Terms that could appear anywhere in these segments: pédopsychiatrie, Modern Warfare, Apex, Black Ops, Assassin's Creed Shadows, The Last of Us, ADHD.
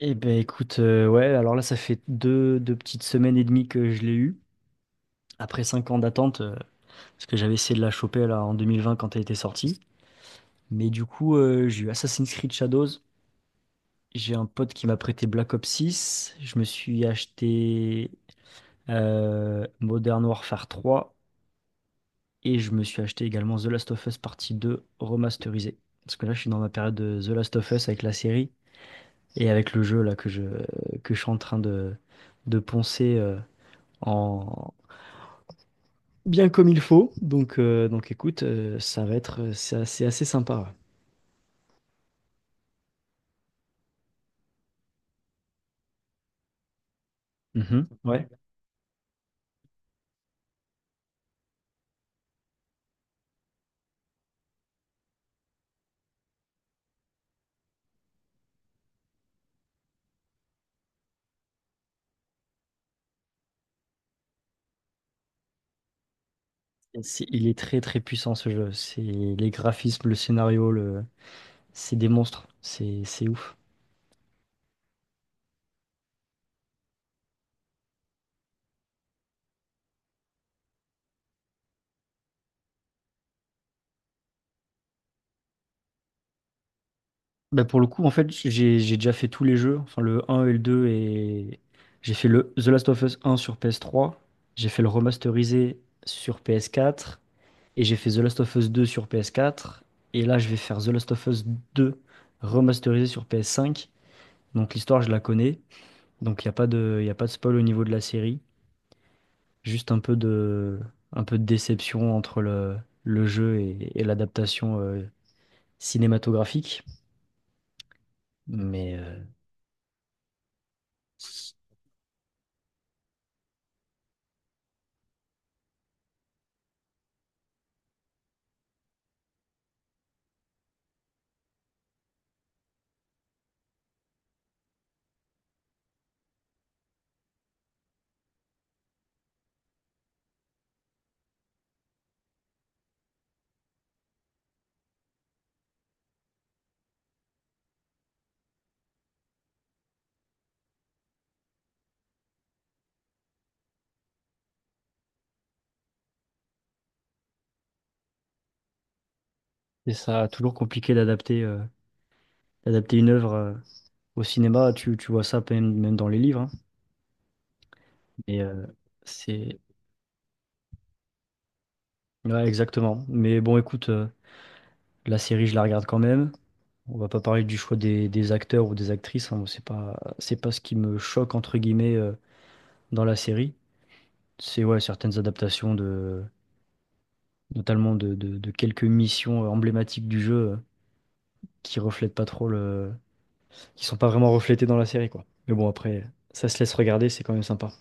Eh ben écoute, ouais, alors là, ça fait deux petites semaines et demie que je l'ai eu. Après 5 ans d'attente, parce que j'avais essayé de la choper là en 2020 quand elle était sortie. Mais du coup, j'ai eu Assassin's Creed Shadows. J'ai un pote qui m'a prêté Black Ops six. Je me suis acheté Modern Warfare trois. Et je me suis acheté également The Last of Us Partie deux remasterisée. Parce que là, je suis dans ma période de The Last of Us avec la série et avec le jeu là que je suis en train de poncer, en, bien comme il faut. Donc écoute, c'est assez sympa. Ouais. Mhm. Ouais. Et il est très très puissant ce jeu. C'est les graphismes, le scénario, c'est des monstres. C'est ouf. Bah pour le coup, en fait, j'ai déjà fait tous les jeux, enfin le 1 et le 2, et j'ai fait le The Last of Us 1 sur PS3, j'ai fait le remasterisé sur PS4, et j'ai fait The Last of Us 2 sur PS4, et là je vais faire The Last of Us 2 remasterisé sur PS5. Donc l'histoire, je la connais. Donc il a pas de spoil au niveau de la série, juste un peu de déception entre le jeu et l'adaptation cinématographique. Mais c'est ça, toujours compliqué d'adapter une œuvre au cinéma. Tu vois ça même, même dans les livres, hein. Mais euh, c'est... Ouais, exactement. Mais bon, écoute, la série, je la regarde quand même. On va pas parler du choix des acteurs ou des actrices, hein. Bon, c'est pas ce qui me choque, entre guillemets, dans la série. C'est ouais, certaines adaptations de notamment de quelques missions emblématiques du jeu qui reflètent pas trop le qui sont pas vraiment reflétées dans la série, quoi. Mais bon après ça se laisse regarder, c'est quand même sympa.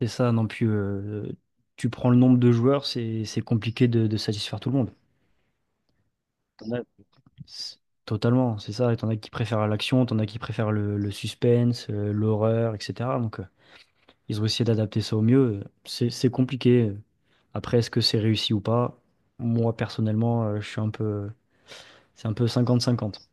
C'est ça non plus tu prends le nombre de joueurs, c'est compliqué de satisfaire tout le monde. T'en as- c'est- Totalement, c'est ça. T'en as qui préfèrent l'action, t'en as qui préfèrent le suspense, l'horreur, etc. Donc ils ont essayé d'adapter ça au mieux. C'est compliqué. Après, est-ce que c'est réussi ou pas? Moi, personnellement, je suis un peu, c'est un peu 50-50.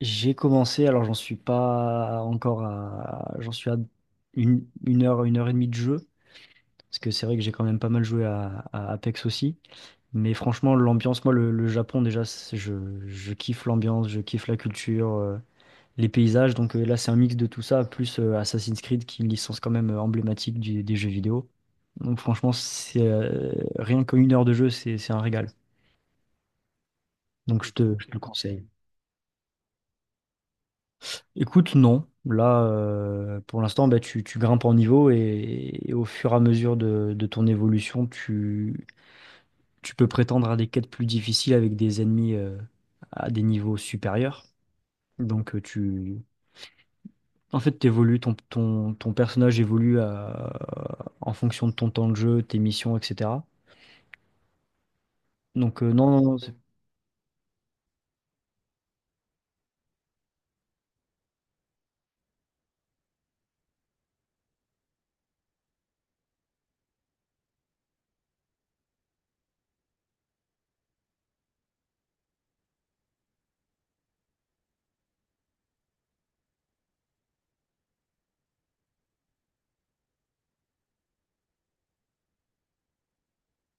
J'ai commencé, alors j'en suis pas encore à, j'en suis à une heure et demie de jeu, parce que c'est vrai que j'ai quand même pas mal joué à Apex aussi. Mais franchement, l'ambiance, moi, le Japon, déjà, je kiffe l'ambiance, je kiffe la culture, les paysages. Donc là, c'est un mix de tout ça, plus Assassin's Creed, qui est une licence quand même emblématique des jeux vidéo. Donc franchement, c'est rien qu'une heure de jeu, c'est un régal. Donc je te le conseille. Écoute, non. Là, pour l'instant, bah, tu grimpes en niveau et au fur et à mesure de ton évolution, tu peux prétendre à des quêtes plus difficiles avec des ennemis à des niveaux supérieurs. Donc euh, tu, En fait, t'évolues, ton personnage évolue en fonction de ton temps de jeu, tes missions, etc. Donc, non, non, non, c'est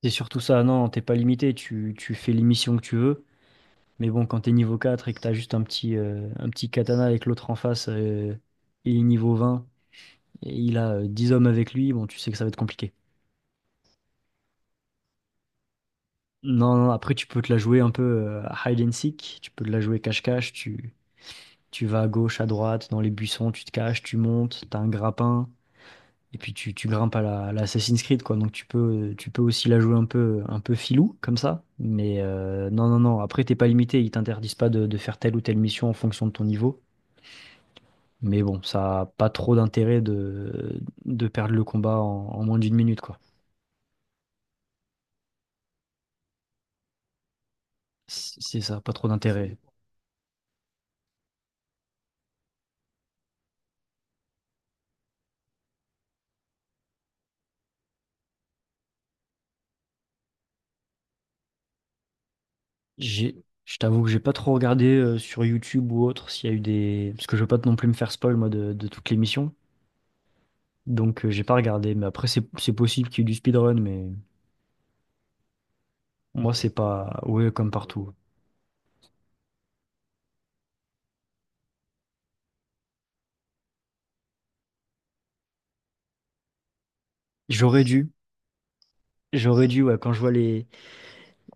c'est surtout ça. Non, t'es pas limité, tu fais les missions que tu veux. Mais bon, quand t'es niveau 4 et que t'as juste un petit katana avec l'autre en face, il est niveau 20 et il a 10 hommes avec lui, bon, tu sais que ça va être compliqué. Non, non, après, tu peux te la jouer un peu à hide and seek, tu peux te la jouer cache-cache, tu vas à gauche, à droite, dans les buissons, tu te caches, tu montes, t'as un grappin. Et puis tu grimpes à la Assassin's Creed, quoi. Donc tu peux aussi la jouer un peu filou, comme ça. Mais non, non, non. Après, t'es pas limité. Ils t'interdisent pas de faire telle ou telle mission en fonction de ton niveau. Mais bon, ça a pas trop d'intérêt de perdre le combat en moins d'une minute, quoi. C'est ça, pas trop d'intérêt. Je t'avoue que j'ai pas trop regardé sur YouTube ou autre s'il y a eu des. Parce que je veux pas non plus me faire spoil, moi, de toutes les missions. Donc j'ai pas regardé. Mais après, c'est possible qu'il y ait du speedrun, mais moi, c'est pas. Ouais, comme partout. J'aurais dû, J'aurais dû, ouais, quand je vois les,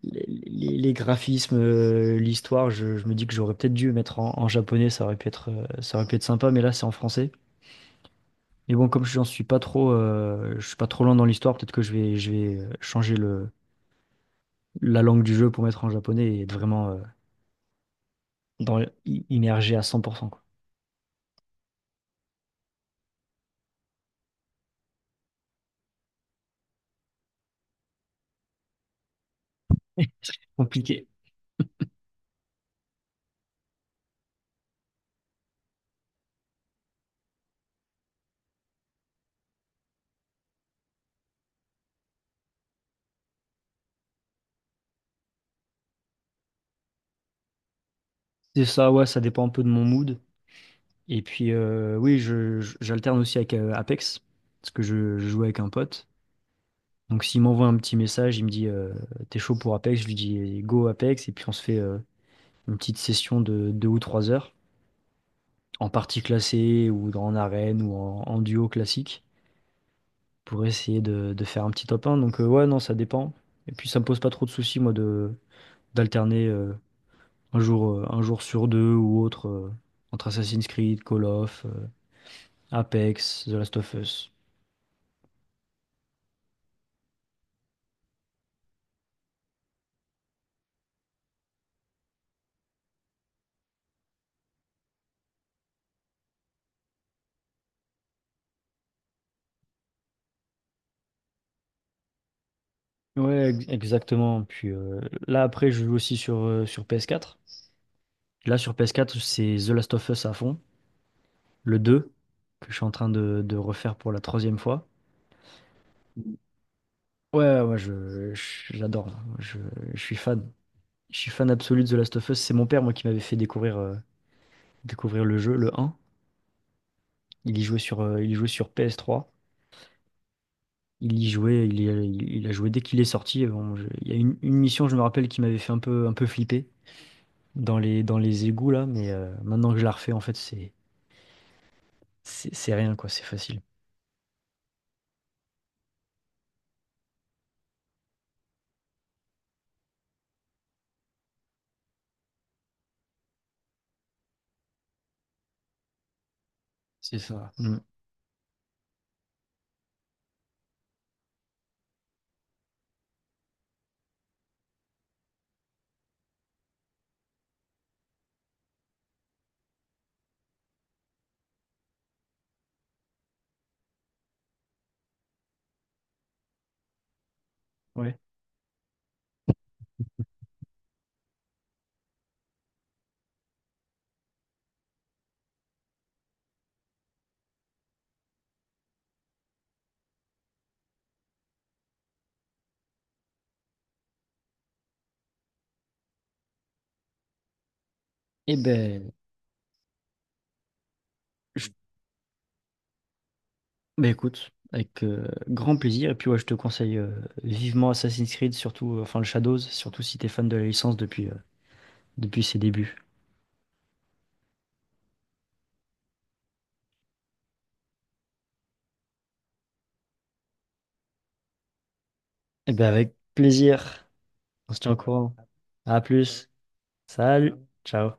les, les- les graphismes, l'histoire, je me dis que j'aurais peut-être dû mettre en japonais, ça aurait pu être sympa, mais là c'est en français. Mais bon, comme j'en suis pas trop, je suis pas trop loin dans l'histoire, peut-être que je vais changer la langue du jeu pour mettre en japonais et être vraiment dans, immergé à 100%, quoi. Compliqué. C'est ça, ouais, ça dépend un peu de mon mood. Et puis, oui, j'alterne aussi avec Apex, parce que je joue avec un pote. Donc s'il m'envoie un petit message, il me dit t'es chaud pour Apex, je lui dis go Apex et puis on se fait une petite session de 2 ou 3 heures en partie classée ou en arène ou en duo classique pour essayer de faire un petit top un. Donc ouais non ça dépend. Et puis ça me pose pas trop de soucis moi de d'alterner un jour sur deux ou autre entre Assassin's Creed, Call of, Apex, The Last of Us. Ouais, exactement. Puis là après je joue aussi sur PS4. Là, sur PS4, c'est The Last of Us à fond, le 2, que je suis en train de refaire pour la troisième fois. Ouais, ouais, moi, j'adore, hein. Je suis fan. Je suis fan absolu de The Last of Us. C'est mon père, moi, qui m'avait fait découvrir, découvrir le jeu, le 1. Il y jouait sur PS3. Il y jouait, il, y a, il a joué dès qu'il est sorti. Bon, il y a une mission, je me rappelle, qui m'avait fait un peu flipper dans les égouts, là. Mais maintenant que je la refais, en fait, c'est rien, quoi. C'est facile. C'est ça. Mm. Ouais. Eh ben. Je Bah écoute, avec grand plaisir. Et puis ouais, je te conseille vivement Assassin's Creed, surtout, enfin le Shadows, surtout si t'es fan de la licence depuis ses débuts. Et ben avec plaisir. On se tient au courant. À plus. Salut. Ciao.